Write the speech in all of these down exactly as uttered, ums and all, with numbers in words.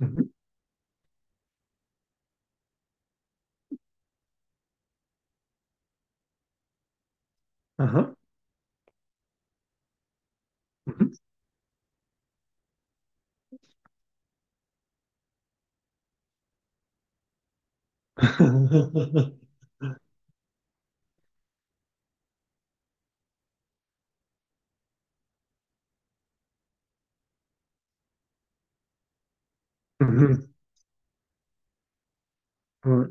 Mhm. Aha. Mhm. Mhm. Ouais.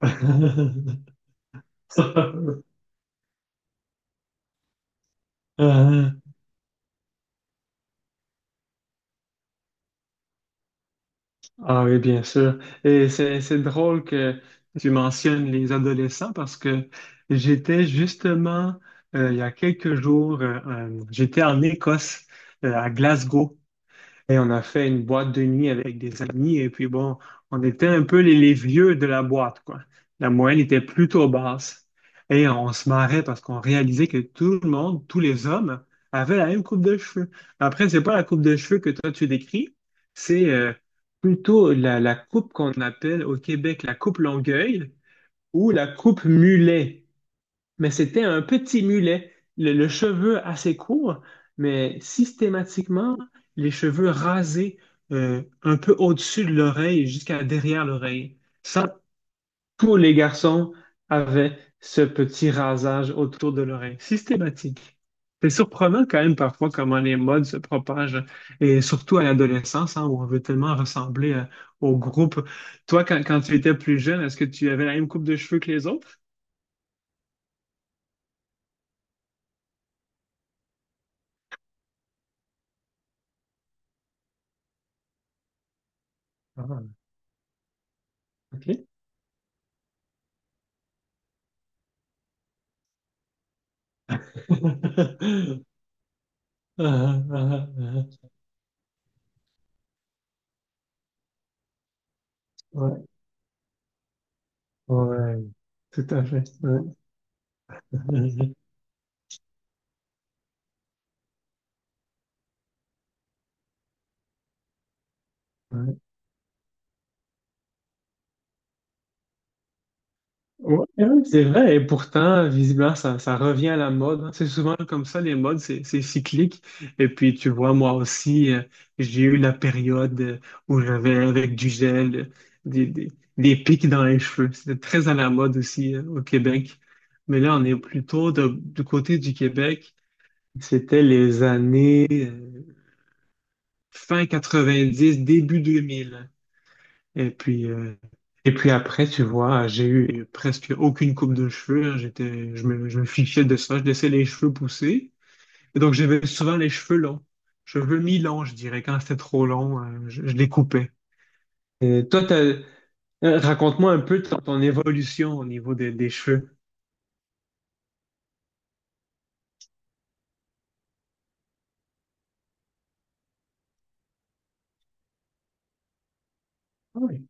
Aha. Ah oui, bien sûr. Et c'est, c'est drôle que tu mentionnes les adolescents parce que j'étais justement, euh, il y a quelques jours, euh, euh, j'étais en Écosse, euh, à Glasgow. Et on a fait une boîte de nuit avec des amis. Et puis bon, on était un peu les, les vieux de la boîte, quoi. La moyenne était plutôt basse. Et on se marrait parce qu'on réalisait que tout le monde, tous les hommes, avaient la même coupe de cheveux. Après, c'est pas la coupe de cheveux que toi tu décris, c'est euh, plutôt la, la coupe qu'on appelle au Québec la coupe Longueuil ou la coupe Mulet, mais c'était un petit mulet, le, le cheveu assez court, mais systématiquement, les cheveux rasés euh, un peu au-dessus de l'oreille jusqu'à derrière l'oreille. Ça, tous les garçons avaient ce petit rasage autour de l'oreille, systématique. C'est surprenant quand même parfois comment les modes se propagent, et surtout à l'adolescence, hein, où on veut tellement ressembler euh, au groupe. Toi, quand, quand tu étais plus jeune, est-ce que tu avais la même coupe de cheveux que les autres? Ah, ok. Ah, ah, ah, ah. Ouais, ouais, tout à fait. Ouais. Ouais. Ouais, ouais, c'est vrai, et pourtant, visiblement, ça, ça revient à la mode, hein. C'est souvent comme ça, les modes, c'est c'est cyclique. Et puis, tu vois, moi aussi, euh, j'ai eu la période euh, où j'avais avec du gel, euh, des, des, des pics dans les cheveux. C'était très à la mode aussi, euh, au Québec. Mais là, on est plutôt de- du côté du Québec. C'était les années euh, fin quatre-vingt-dix, début deux mille. Et puis, euh, et puis après, tu vois, j'ai eu presque aucune coupe de cheveux, hein. J'étais, je me, je me fichais de ça. Je laissais les cheveux pousser. Et donc, j'avais souvent les cheveux longs. Cheveux mi-longs, je dirais. Quand c'était trop long, euh, je, je les coupais. Et toi, t'as- euh, raconte-moi un peu ton, ton évolution au niveau des, des cheveux. Oui.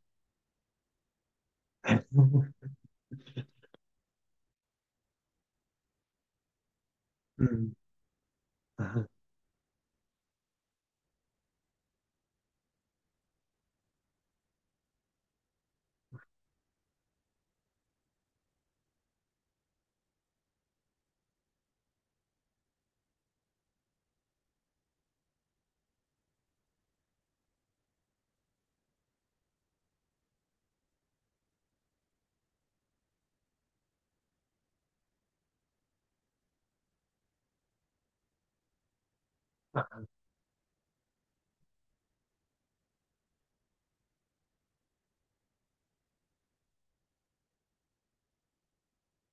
Hmm. Ah.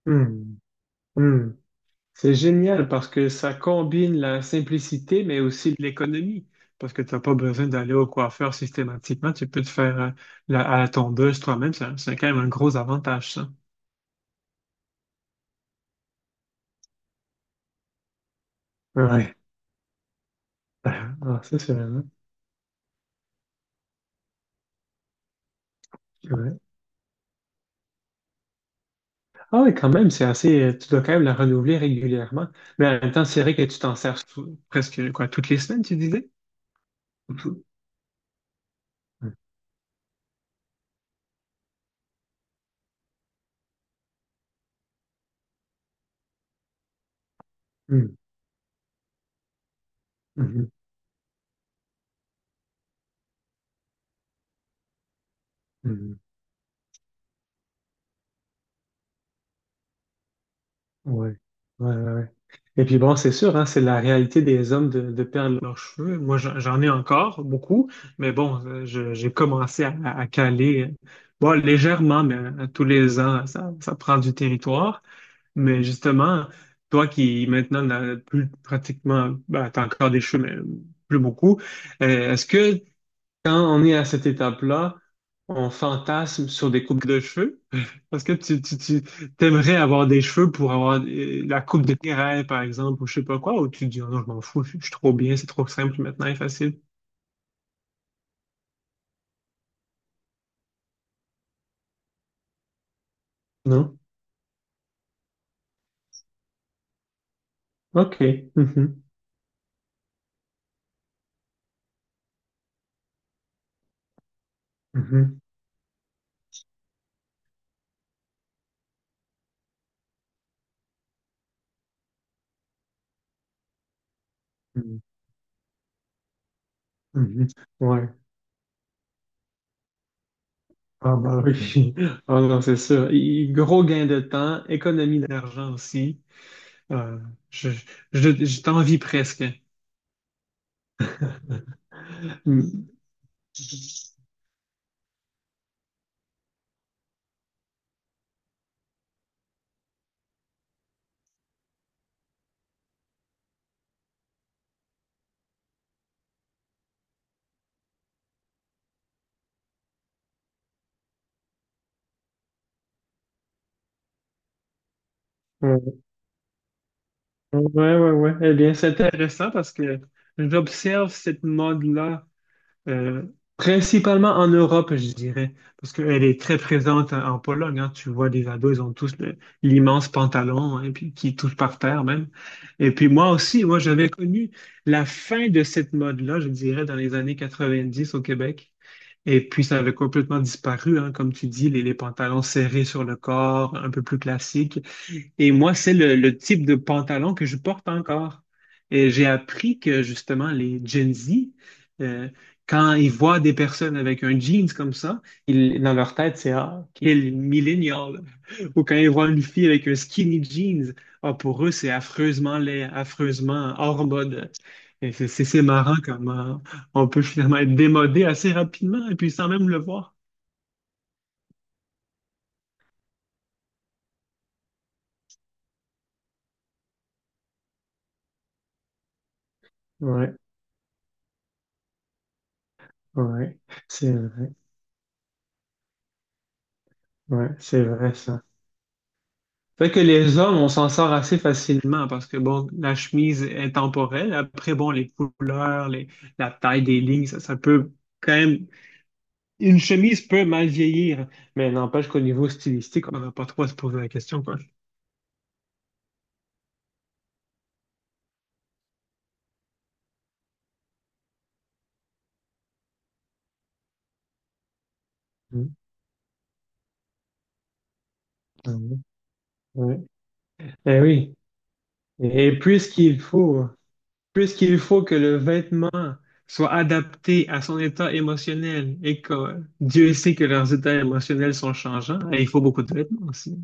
Hmm. Hmm. C'est génial parce que ça combine la simplicité, mais aussi l'économie. Parce que tu n'as pas besoin d'aller au coiffeur systématiquement. Tu peux te faire euh, la- à la tondeuse toi-même. C'est un- c'est quand même un gros avantage, ça. Ouais. Ah, ça, c'est vraiment. Ouais. Ah oui, quand même, c'est assez. euh, Tu dois quand même la renouveler régulièrement. Mais en même temps, c'est vrai que tu t'en sers sou- presque quoi, toutes les semaines, tu disais? Mhm. Mhm. Mhm. Mhm. Ouais, ouais, ouais, ouais. Et puis bon, c'est sûr, hein, c'est la réalité des hommes de, de perdre leurs cheveux. Moi, j'en j'en ai encore beaucoup, mais bon, euh, je- j'ai commencé à, à caler, euh, bon, légèrement, mais euh, tous les ans, ça, ça prend du territoire. Mais justement, toi qui maintenant n'as plus pratiquement, ben, t'as encore des cheveux, mais euh, plus beaucoup, euh, est-ce que quand on est à cette étape-là, on fantasme sur des coupes de cheveux. Parce que tu, tu, tu t'aimerais avoir des cheveux pour avoir euh, la coupe de tes rêves, par exemple, ou je sais pas quoi, ou tu te dis, oh non, je m'en fous, je suis trop bien, c'est trop simple maintenant et facile. Non? OK. Mhm. Mhm. Mhm. Mhm. Ouais. Ah bah oui. Ah non, c'est sûr. Et gros gain de temps, économie d'argent aussi. Euh, je je, je t'envie presque. Mm. Ouais, ouais, ouais. Eh bien, c'est intéressant parce que j'observe cette mode-là euh, principalement en Europe, je dirais, parce qu'elle est très présente en, en Pologne, hein. Tu vois, les ados, ils ont tous le- l'immense pantalon, hein, puis qui touche par terre même. Et puis moi aussi, moi, j'avais connu la fin de cette mode-là, je dirais, dans les années quatre-vingt-dix au Québec. Et puis, ça avait complètement disparu, hein, comme tu dis, les, les pantalons serrés sur le corps, un peu plus classiques. Et moi, c'est le, le type de pantalon que je porte encore. Et j'ai appris que justement, les Gen Z, euh, quand ils voient des personnes avec un jeans comme ça, ils, dans leur tête, c'est ah, quel millennial! Ou quand ils voient une fille avec un skinny jeans, ah, pour eux, c'est affreusement laid, affreusement hors mode. Et c'est c'est- c'est marrant comment on peut finalement être démodé assez rapidement et puis sans même le voir. Ouais, ouais, c'est vrai. Ouais, c'est vrai ça. Fait que les hommes, on s'en sort assez facilement parce que, bon, la chemise est temporelle. Après, bon, les couleurs, les, la taille des lignes, ça, ça peut quand même... Une chemise peut mal vieillir, mais n'empêche qu'au niveau stylistique, on n'a pas trop à se poser la question, quoi. Mm. Mm. Ouais. Eh oui. Et puisqu'il faut, puisqu'il faut que le vêtement soit adapté à son état émotionnel et que Dieu sait que leurs états émotionnels sont changeants, eh, il faut beaucoup de vêtements aussi.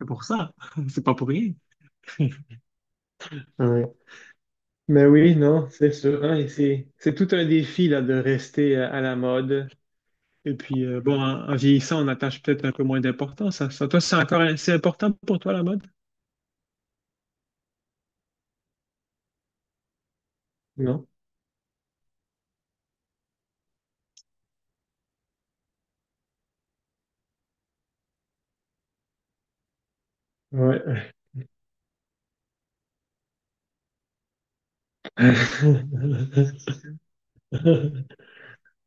C'est pour ça. C'est pas pour rien. Ouais. Mais oui, non, c'est sûr, hein, et c'est, c'est tout un défi là, de rester euh, à la mode. Et puis, euh, bon, en, en vieillissant, on attache peut-être un peu moins d'importance à ça. Toi, c'est encore assez important pour toi, la mode? Non? Ouais.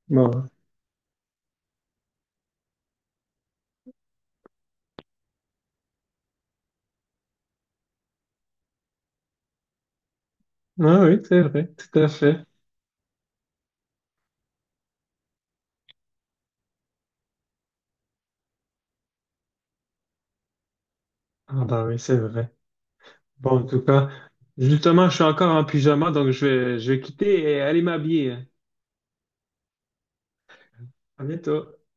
Bon. Ah oui, c'est vrai, tout à fait. Ah bah oui, c'est vrai. Bon, en tout cas, justement, je suis encore en pyjama, donc je vais, je vais quitter et aller m'habiller. À bientôt.